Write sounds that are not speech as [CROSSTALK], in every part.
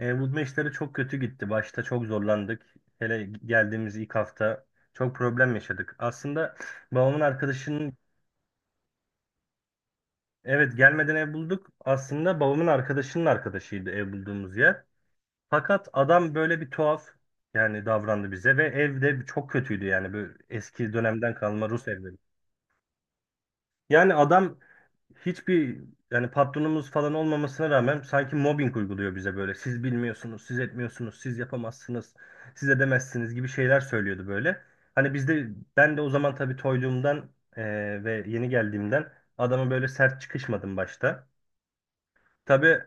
Bu maçları çok kötü gitti. Başta çok zorlandık. Hele geldiğimiz ilk hafta çok problem yaşadık. Aslında babamın arkadaşının. Evet, gelmeden ev bulduk. Aslında babamın arkadaşının arkadaşıydı ev bulduğumuz yer. Fakat adam böyle bir tuhaf, yani, davrandı bize ve evde çok kötüydü, yani böyle eski dönemden kalma Rus evleri. Yani adam hiçbir, yani, patronumuz falan olmamasına rağmen sanki mobbing uyguluyor bize böyle. Siz bilmiyorsunuz, siz etmiyorsunuz, siz yapamazsınız, siz edemezsiniz gibi şeyler söylüyordu böyle. Hani bizde ben de o zaman tabii toyluğumdan ve yeni geldiğimden adama böyle sert çıkışmadım başta. Tabii.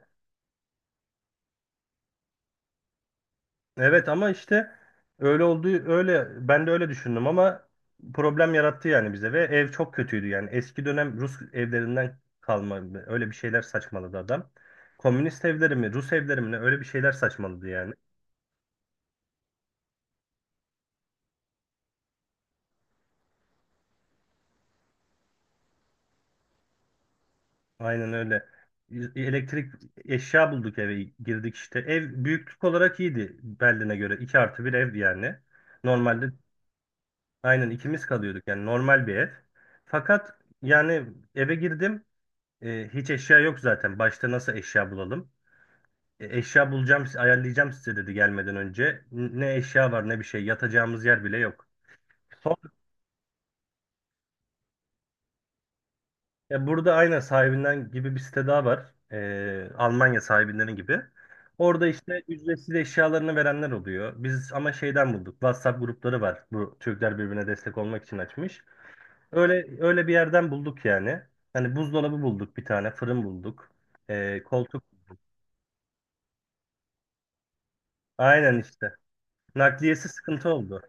Evet, ama işte öyle olduğu, öyle, ben de öyle düşündüm ama problem yarattı yani bize ve ev çok kötüydü yani eski dönem Rus evlerinden kalma öyle bir şeyler saçmaladı adam. Komünist evleri mi, Rus evleri mi ne, öyle bir şeyler saçmaladı yani. Aynen öyle. Elektrik eşya bulduk, eve girdik işte. Ev büyüklük olarak iyiydi Berlin'e göre. 2+1 ev yani. Normalde aynen ikimiz kalıyorduk yani, normal bir ev. Fakat yani eve girdim. Hiç eşya yok zaten. Başta nasıl eşya bulalım? Eşya bulacağım, ayarlayacağım size dedi gelmeden önce. Ne eşya var ne bir şey. Yatacağımız yer bile yok. Son, burada aynen sahibinden gibi bir site daha var. Almanya sahibinden gibi. Orada işte ücretsiz eşyalarını verenler oluyor. Biz ama şeyden bulduk. WhatsApp grupları var. Bu Türkler birbirine destek olmak için açmış. Öyle öyle bir yerden bulduk yani. Hani buzdolabı bulduk bir tane, fırın bulduk. Koltuk. Aynen işte. Nakliyesi sıkıntı oldu.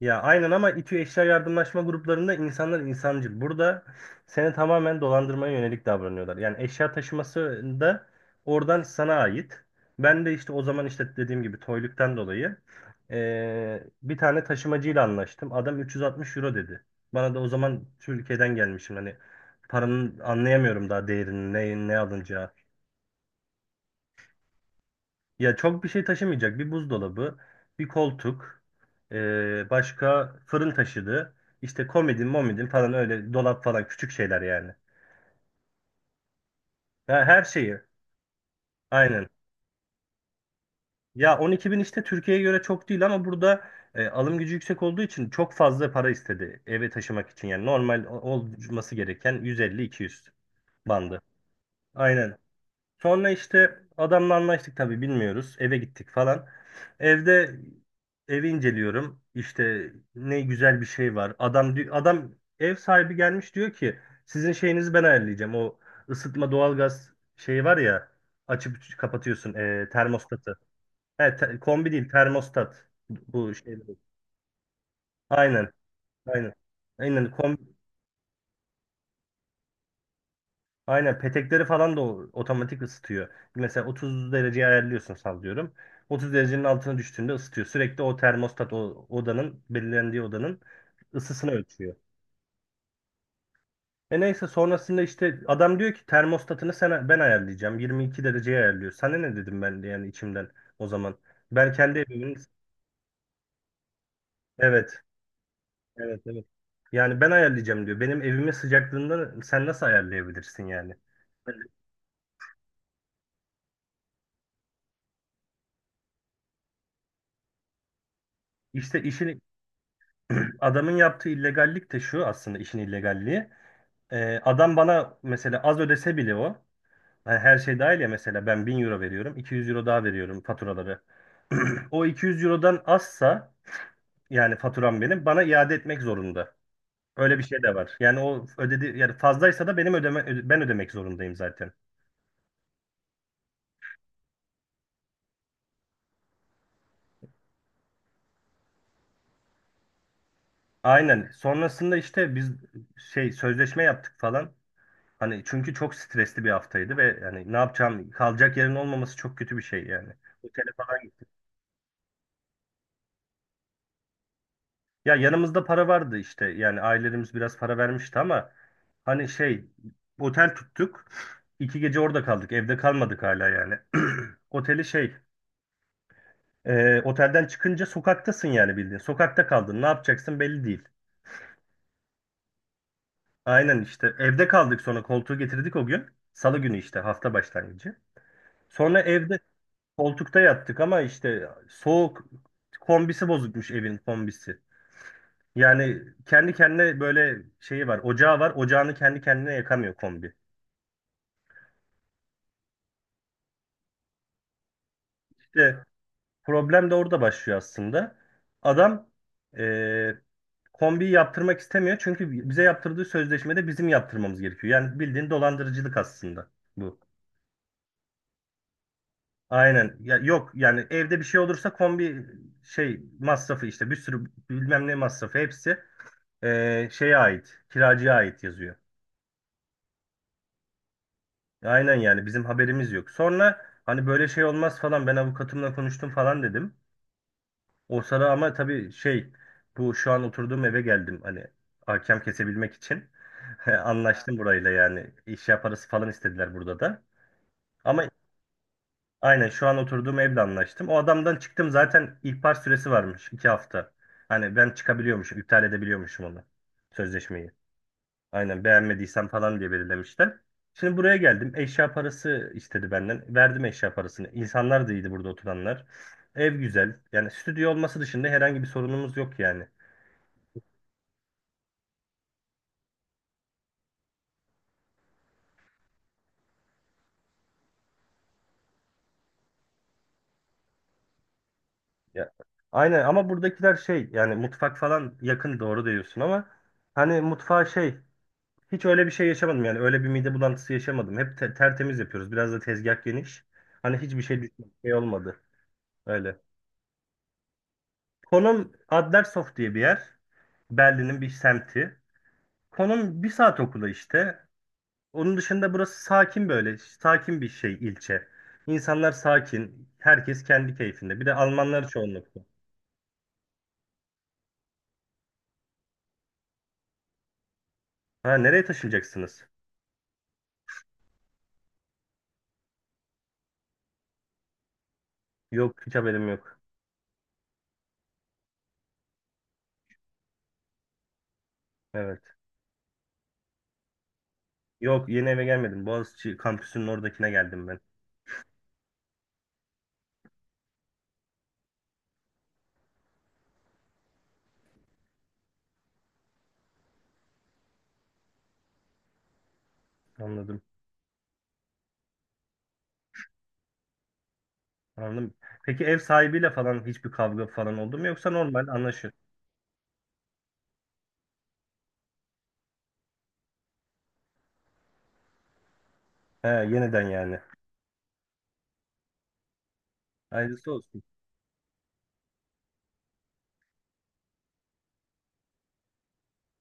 Ya aynen ama İTÜ Eşya Yardımlaşma gruplarında insanlar insancıl. Burada seni tamamen dolandırmaya yönelik davranıyorlar. Yani eşya taşıması da oradan sana ait. Ben de işte o zaman, işte, dediğim gibi toyluktan dolayı bir tane taşımacıyla anlaştım. Adam 360 euro dedi. Bana da o zaman Türkiye'den gelmişim. Hani paranın anlayamıyorum daha değerini, ne, ne alınacağı. Ya çok bir şey taşımayacak. Bir buzdolabı, bir koltuk, başka fırın taşıdı. İşte komodin, momidin falan, öyle dolap falan, küçük şeyler yani. Ha, her şeyi. Aynen. Ya 12 bin işte Türkiye'ye göre çok değil ama burada, alım gücü yüksek olduğu için çok fazla para istedi eve taşımak için. Yani normal olması gereken 150-200 bandı. Aynen. Sonra işte adamla anlaştık, tabii bilmiyoruz. Eve gittik falan. Evde evi inceliyorum. İşte ne güzel bir şey var. Adam ev sahibi gelmiş diyor ki sizin şeyinizi ben ayarlayacağım. O ısıtma doğalgaz şeyi var ya, açıp kapatıyorsun termostatı. He, kombi değil termostat bu şey. Aynen. Aynen. Aynen. Aynen petekleri falan da otomatik ısıtıyor. Mesela 30 dereceye ayarlıyorsun, sallıyorum. 30 derecenin altına düştüğünde ısıtıyor. Sürekli o termostat, o odanın belirlendiği odanın ısısını ölçüyor. Neyse sonrasında işte adam diyor ki termostatını, ben ayarlayacağım. 22 dereceye ayarlıyor. Sana ne dedim ben de yani içimden, o zaman. Ben kendi evimin. Evet, evet, evet. Yani ben ayarlayacağım diyor. Benim evimin sıcaklığından sen nasıl ayarlayabilirsin yani? İşte işin Adamın yaptığı illegallik de şu, aslında işin illegalliği. Adam bana mesela az ödese bile o. Hani her şey dahil ya, mesela ben 1000 euro veriyorum. 200 euro daha veriyorum faturaları. [CLEARS THROAT] O 200 eurodan azsa, yani faturam, benim bana iade etmek zorunda. Öyle bir şey de var. Yani o ödedi yani, fazlaysa da benim ben ödemek zorundayım zaten. Aynen. Sonrasında işte biz şey sözleşme yaptık falan. Hani çünkü çok stresli bir haftaydı ve yani ne yapacağım, kalacak yerin olmaması çok kötü bir şey yani. Otele falan gittik. Ya yanımızda para vardı işte, yani ailelerimiz biraz para vermişti ama hani şey, otel tuttuk. 2 gece orada kaldık, evde kalmadık hala yani. [CLEARS THROAT] Oteli şey otelden çıkınca sokaktasın yani, bildiğin sokakta kaldın, ne yapacaksın belli değil. Aynen işte evde kaldık, sonra koltuğu getirdik o gün. Salı günü işte, hafta başlangıcı. Sonra evde. Koltukta yattık ama işte soğuk, kombisi bozukmuş evin, kombisi. Yani kendi kendine böyle şeyi var, ocağı var. Ocağını kendi kendine yakamıyor kombi. İşte problem de orada başlıyor aslında. Adam eee kombiyi yaptırmak istemiyor çünkü bize yaptırdığı sözleşmede bizim yaptırmamız gerekiyor. Yani bildiğin dolandırıcılık aslında bu. Aynen. Ya yok yani evde bir şey olursa kombi şey masrafı, işte bir sürü bilmem ne masrafı, hepsi şeye ait, kiracıya ait yazıyor. Aynen yani bizim haberimiz yok. Sonra hani böyle şey olmaz falan, ben avukatımla konuştum falan dedim. O sıra ama tabii şey, bu şu an oturduğum eve geldim, hani hakem kesebilmek için. [LAUGHS] Anlaştım burayla yani, işya parası falan istediler burada da. Ama aynen şu an oturduğum evle anlaştım. O adamdan çıktım zaten, ihbar süresi varmış 2 hafta. Hani ben çıkabiliyormuşum, iptal edebiliyormuşum onu, sözleşmeyi. Aynen beğenmediysem falan diye belirlemişler. Şimdi buraya geldim. Eşya parası istedi benden. Verdim eşya parasını. İnsanlar da iyiydi burada oturanlar. Ev güzel. Yani stüdyo olması dışında herhangi bir sorunumuz yok yani. Ya, aynen ama buradakiler şey yani, mutfak falan yakın, doğru diyorsun ama hani mutfağa şey, hiç öyle bir şey yaşamadım yani, öyle bir mide bulantısı yaşamadım. Hep tertemiz yapıyoruz. Biraz da tezgah geniş. Hani hiçbir şey şey olmadı. Öyle. Konum Adlershof diye bir yer. Berlin'in bir semti. Konum 1 saat okula işte. Onun dışında burası sakin böyle. Sakin bir şey ilçe. İnsanlar sakin. Herkes kendi keyfinde. Bir de Almanlar çoğunlukla. Ha, nereye taşınacaksınız? Yok, hiç haberim yok. Evet. Yok, yeni eve gelmedim. Boğaziçi kampüsünün oradakine geldim ben. Anladım. Anladım. Peki ev sahibiyle falan hiçbir kavga falan oldu mu, yoksa normal anlaşır. He, yeniden yani. Hayırlısı olsun.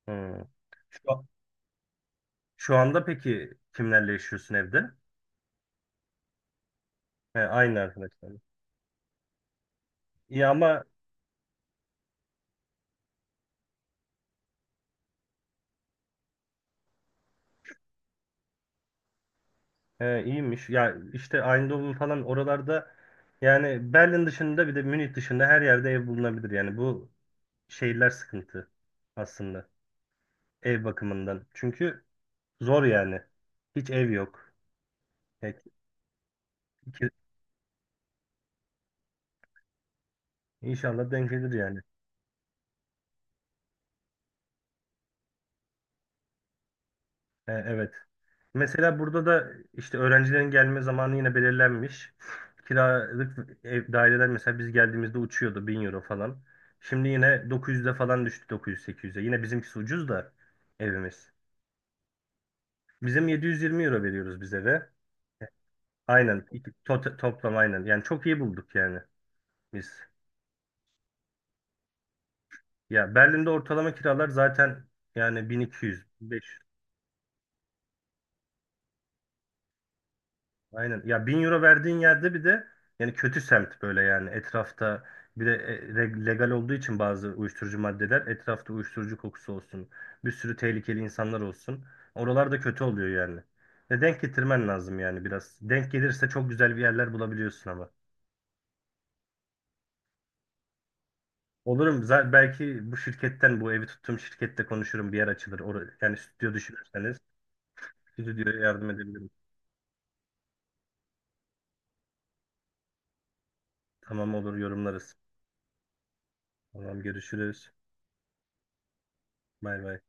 Hmm. Şu, şu anda peki kimlerle yaşıyorsun evde? He, aynı arkadaşlar. İyi ama. He, iyiymiş. Ya işte Eindhoven falan oralarda, yani Berlin dışında bir de Münih dışında her yerde ev bulunabilir. Yani bu şehirler sıkıntı aslında, ev bakımından. Çünkü zor yani. Hiç ev yok. Ya, ki- İnşallah denk gelir yani. He, evet. Mesela burada da işte öğrencilerin gelme zamanı yine belirlenmiş. Kiralık ev daireler mesela biz geldiğimizde uçuyordu 1000 euro falan. Şimdi yine 900'e falan düştü, 908, 800'e. Yine bizimkisi ucuz da, evimiz. Bizim 720 euro veriyoruz bize de. Aynen. Toplam aynen. Yani çok iyi bulduk yani biz. Ya Berlin'de ortalama kiralar zaten yani 1200, 500. Aynen. Ya 1000 euro verdiğin yerde bir de yani kötü semt böyle yani, etrafta bir de legal olduğu için bazı uyuşturucu maddeler, etrafta uyuşturucu kokusu olsun. Bir sürü tehlikeli insanlar olsun. Oralarda kötü oluyor yani. Ve denk getirmen lazım yani biraz. Denk gelirse çok güzel bir yerler bulabiliyorsun ama. Olurum. Zaten belki bu şirketten, bu evi tuttuğum şirkette konuşurum. Bir yer açılır. Yani stüdyo düşünürseniz stüdyoya yardım edebilirim. Tamam olur, yorumlarız. Tamam, görüşürüz. Bay bay.